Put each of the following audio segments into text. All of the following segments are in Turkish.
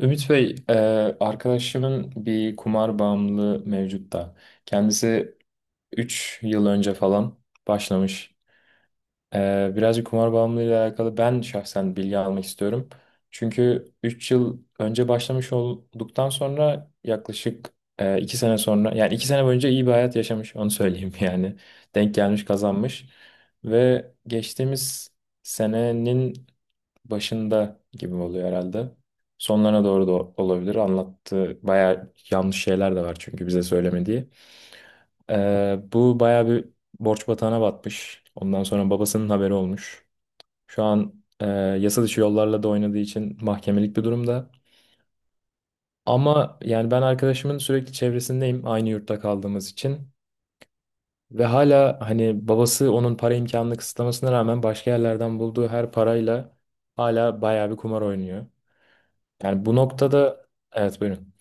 Ümit Bey, arkadaşımın bir kumar bağımlılığı mevcut da. Kendisi 3 yıl önce falan başlamış. Birazcık kumar bağımlılığıyla alakalı ben şahsen bilgi almak istiyorum. Çünkü 3 yıl önce başlamış olduktan sonra yaklaşık 2 sene sonra, yani 2 sene boyunca iyi bir hayat yaşamış, onu söyleyeyim yani. Denk gelmiş, kazanmış. Ve geçtiğimiz senenin başında gibi oluyor herhalde. Sonlarına doğru da olabilir. Anlattığı bayağı yanlış şeyler de var çünkü bize söylemediği. Bu bayağı bir borç batağına batmış. Ondan sonra babasının haberi olmuş. Şu an yasa dışı yollarla da oynadığı için mahkemelik bir durumda. Ama yani ben arkadaşımın sürekli çevresindeyim aynı yurtta kaldığımız için. Ve hala hani babası onun para imkanını kısıtlamasına rağmen başka yerlerden bulduğu her parayla hala bayağı bir kumar oynuyor. Yani bu noktada evet, buyurun.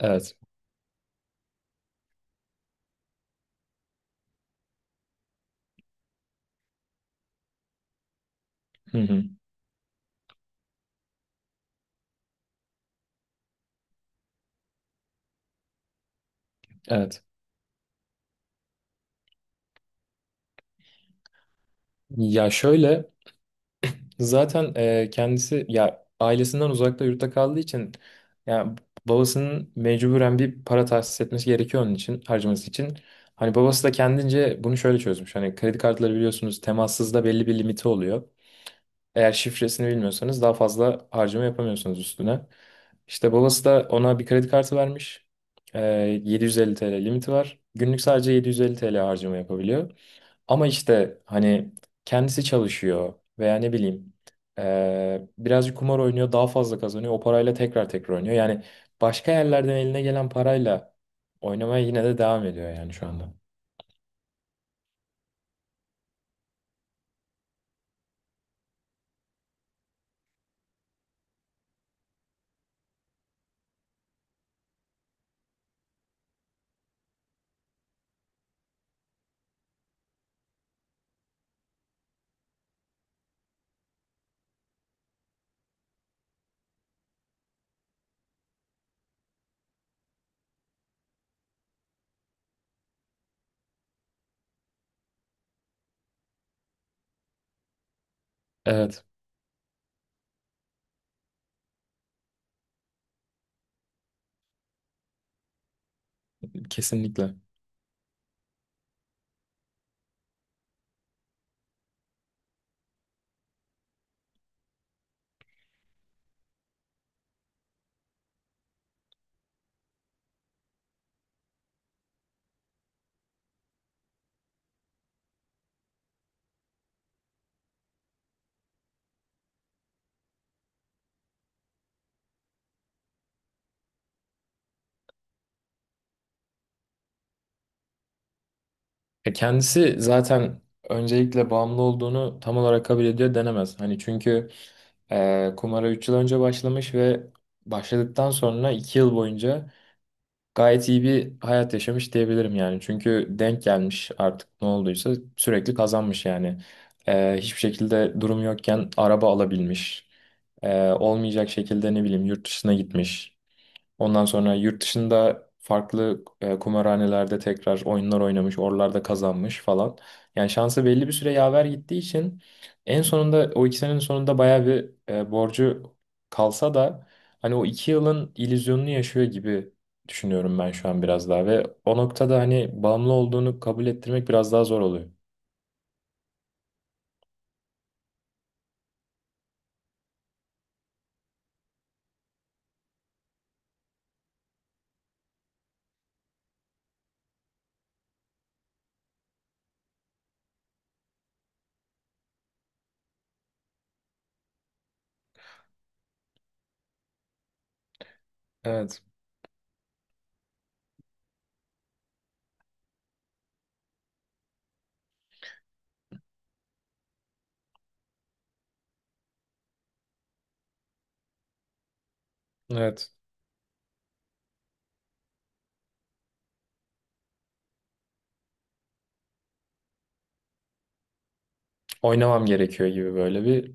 Evet. Hı hı. Evet. Ya şöyle, zaten kendisi ya ailesinden uzakta yurtta kaldığı için ya babasının mecburen bir para tahsis etmesi gerekiyor onun için harcaması için. Hani babası da kendince bunu şöyle çözmüş. Hani kredi kartları biliyorsunuz temassızda belli bir limiti oluyor. Eğer şifresini bilmiyorsanız daha fazla harcama yapamıyorsunuz üstüne. İşte babası da ona bir kredi kartı vermiş. Ee, 750 TL limiti var. Günlük sadece 750 TL harcama yapabiliyor. Ama işte hani kendisi çalışıyor veya ne bileyim birazcık kumar oynuyor daha fazla kazanıyor. O parayla tekrar tekrar oynuyor. Yani başka yerlerden eline gelen parayla oynamaya yine de devam ediyor yani şu anda. Evet, kesinlikle. Kendisi zaten öncelikle bağımlı olduğunu tam olarak kabul ediyor denemez. Hani çünkü kumara 3 yıl önce başlamış ve başladıktan sonra 2 yıl boyunca gayet iyi bir hayat yaşamış diyebilirim yani. Çünkü denk gelmiş artık ne olduysa sürekli kazanmış yani. Hiçbir şekilde durum yokken araba alabilmiş. Olmayacak şekilde ne bileyim yurt dışına gitmiş. Ondan sonra yurt dışında farklı kumarhanelerde tekrar oyunlar oynamış, oralarda kazanmış falan. Yani şansı belli bir süre yaver gittiği için en sonunda o 2 senenin sonunda bayağı bir borcu kalsa da hani o 2 yılın illüzyonunu yaşıyor gibi düşünüyorum ben şu an biraz daha, ve o noktada hani bağımlı olduğunu kabul ettirmek biraz daha zor oluyor. Evet, evet. Oynamam gerekiyor gibi böyle bir.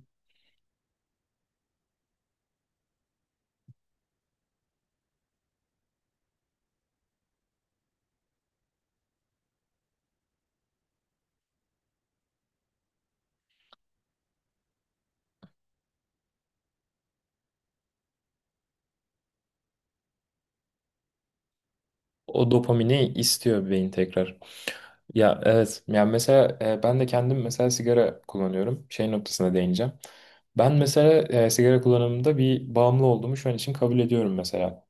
O dopamini istiyor beyin tekrar. Ya evet. Yani mesela ben de kendim mesela sigara kullanıyorum. Şey noktasına değineceğim. Ben mesela sigara kullanımında bir bağımlı olduğumu şu an için kabul ediyorum mesela.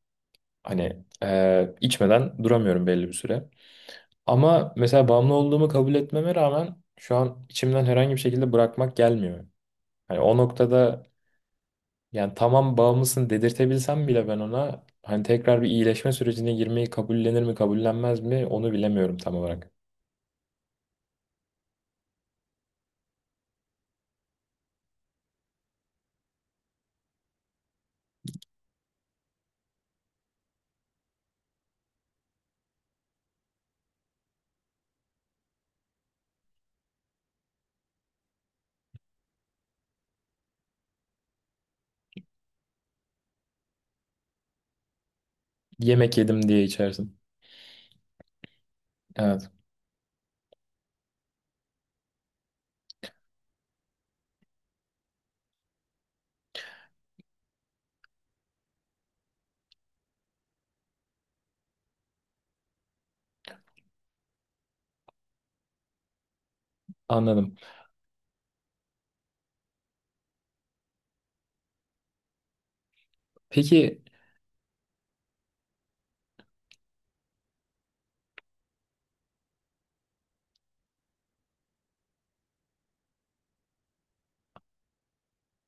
Hani içmeden duramıyorum belli bir süre. Ama mesela bağımlı olduğumu kabul etmeme rağmen şu an içimden herhangi bir şekilde bırakmak gelmiyor. Hani o noktada yani tamam bağımlısın dedirtebilsem bile ben ona hani tekrar bir iyileşme sürecine girmeyi kabullenir mi kabullenmez mi onu bilemiyorum tam olarak. Yemek yedim diye içersin. Evet. Anladım. Peki,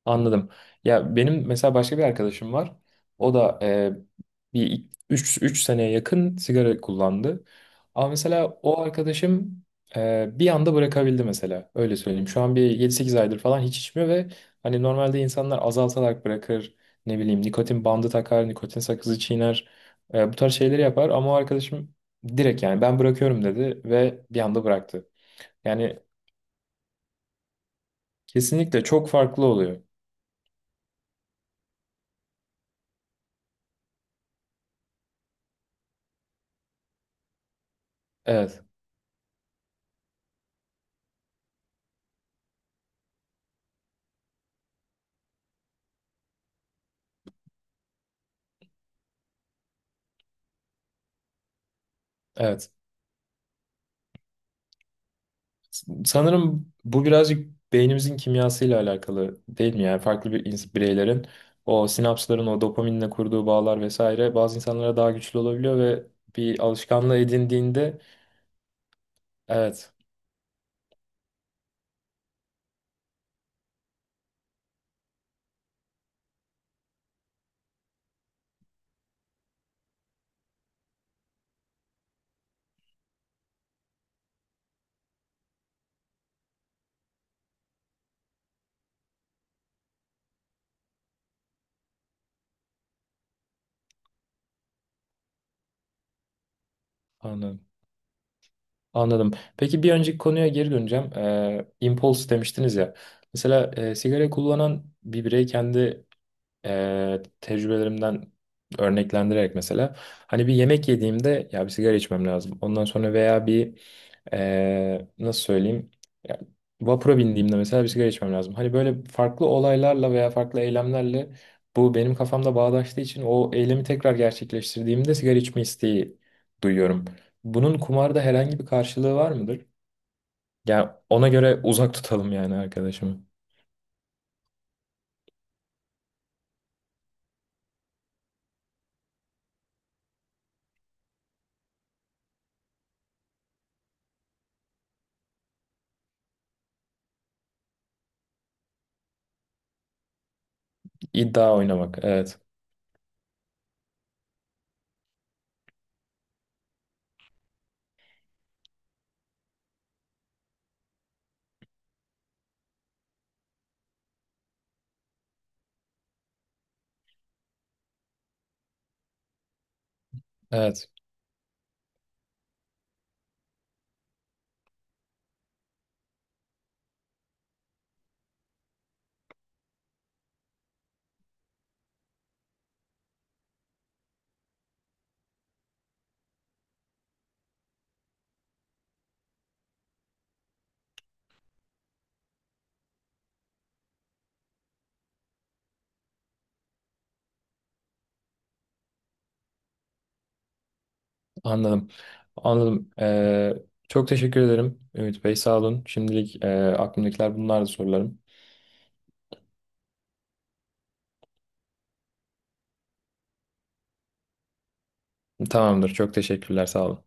anladım. Ya benim mesela başka bir arkadaşım var. O da bir üç seneye yakın sigara kullandı. Ama mesela o arkadaşım bir anda bırakabildi mesela. Öyle söyleyeyim. Şu an bir 7-8 aydır falan hiç içmiyor ve hani normalde insanlar azaltarak bırakır. Ne bileyim nikotin bandı takar, nikotin sakızı çiğner. Bu tarz şeyleri yapar ama o arkadaşım direkt yani ben bırakıyorum dedi ve bir anda bıraktı. Yani kesinlikle çok farklı oluyor. Evet. Evet. Sanırım bu birazcık beynimizin kimyasıyla alakalı değil mi? Yani farklı bir bireylerin o sinapsların o dopaminle kurduğu bağlar vesaire bazı insanlara daha güçlü olabiliyor ve bir alışkanlığı edindiğinde evet, anladım. Anladım. Peki, bir önceki konuya geri döneceğim. Impulse demiştiniz ya. Mesela sigara kullanan bir birey kendi tecrübelerimden örneklendirerek mesela hani bir yemek yediğimde ya bir sigara içmem lazım. Ondan sonra veya bir nasıl söyleyeyim ya, vapura bindiğimde mesela bir sigara içmem lazım. Hani böyle farklı olaylarla veya farklı eylemlerle bu benim kafamda bağdaştığı için o eylemi tekrar gerçekleştirdiğimde sigara içme isteği duyuyorum. Bunun kumarda herhangi bir karşılığı var mıdır? Yani ona göre uzak tutalım yani arkadaşımı. İddia oynamak. Evet. Evet. Anladım. Anladım. Çok teşekkür ederim Ümit Bey. Sağ olun. Şimdilik aklımdakiler bunlardı sorularım. Tamamdır. Çok teşekkürler. Sağ olun.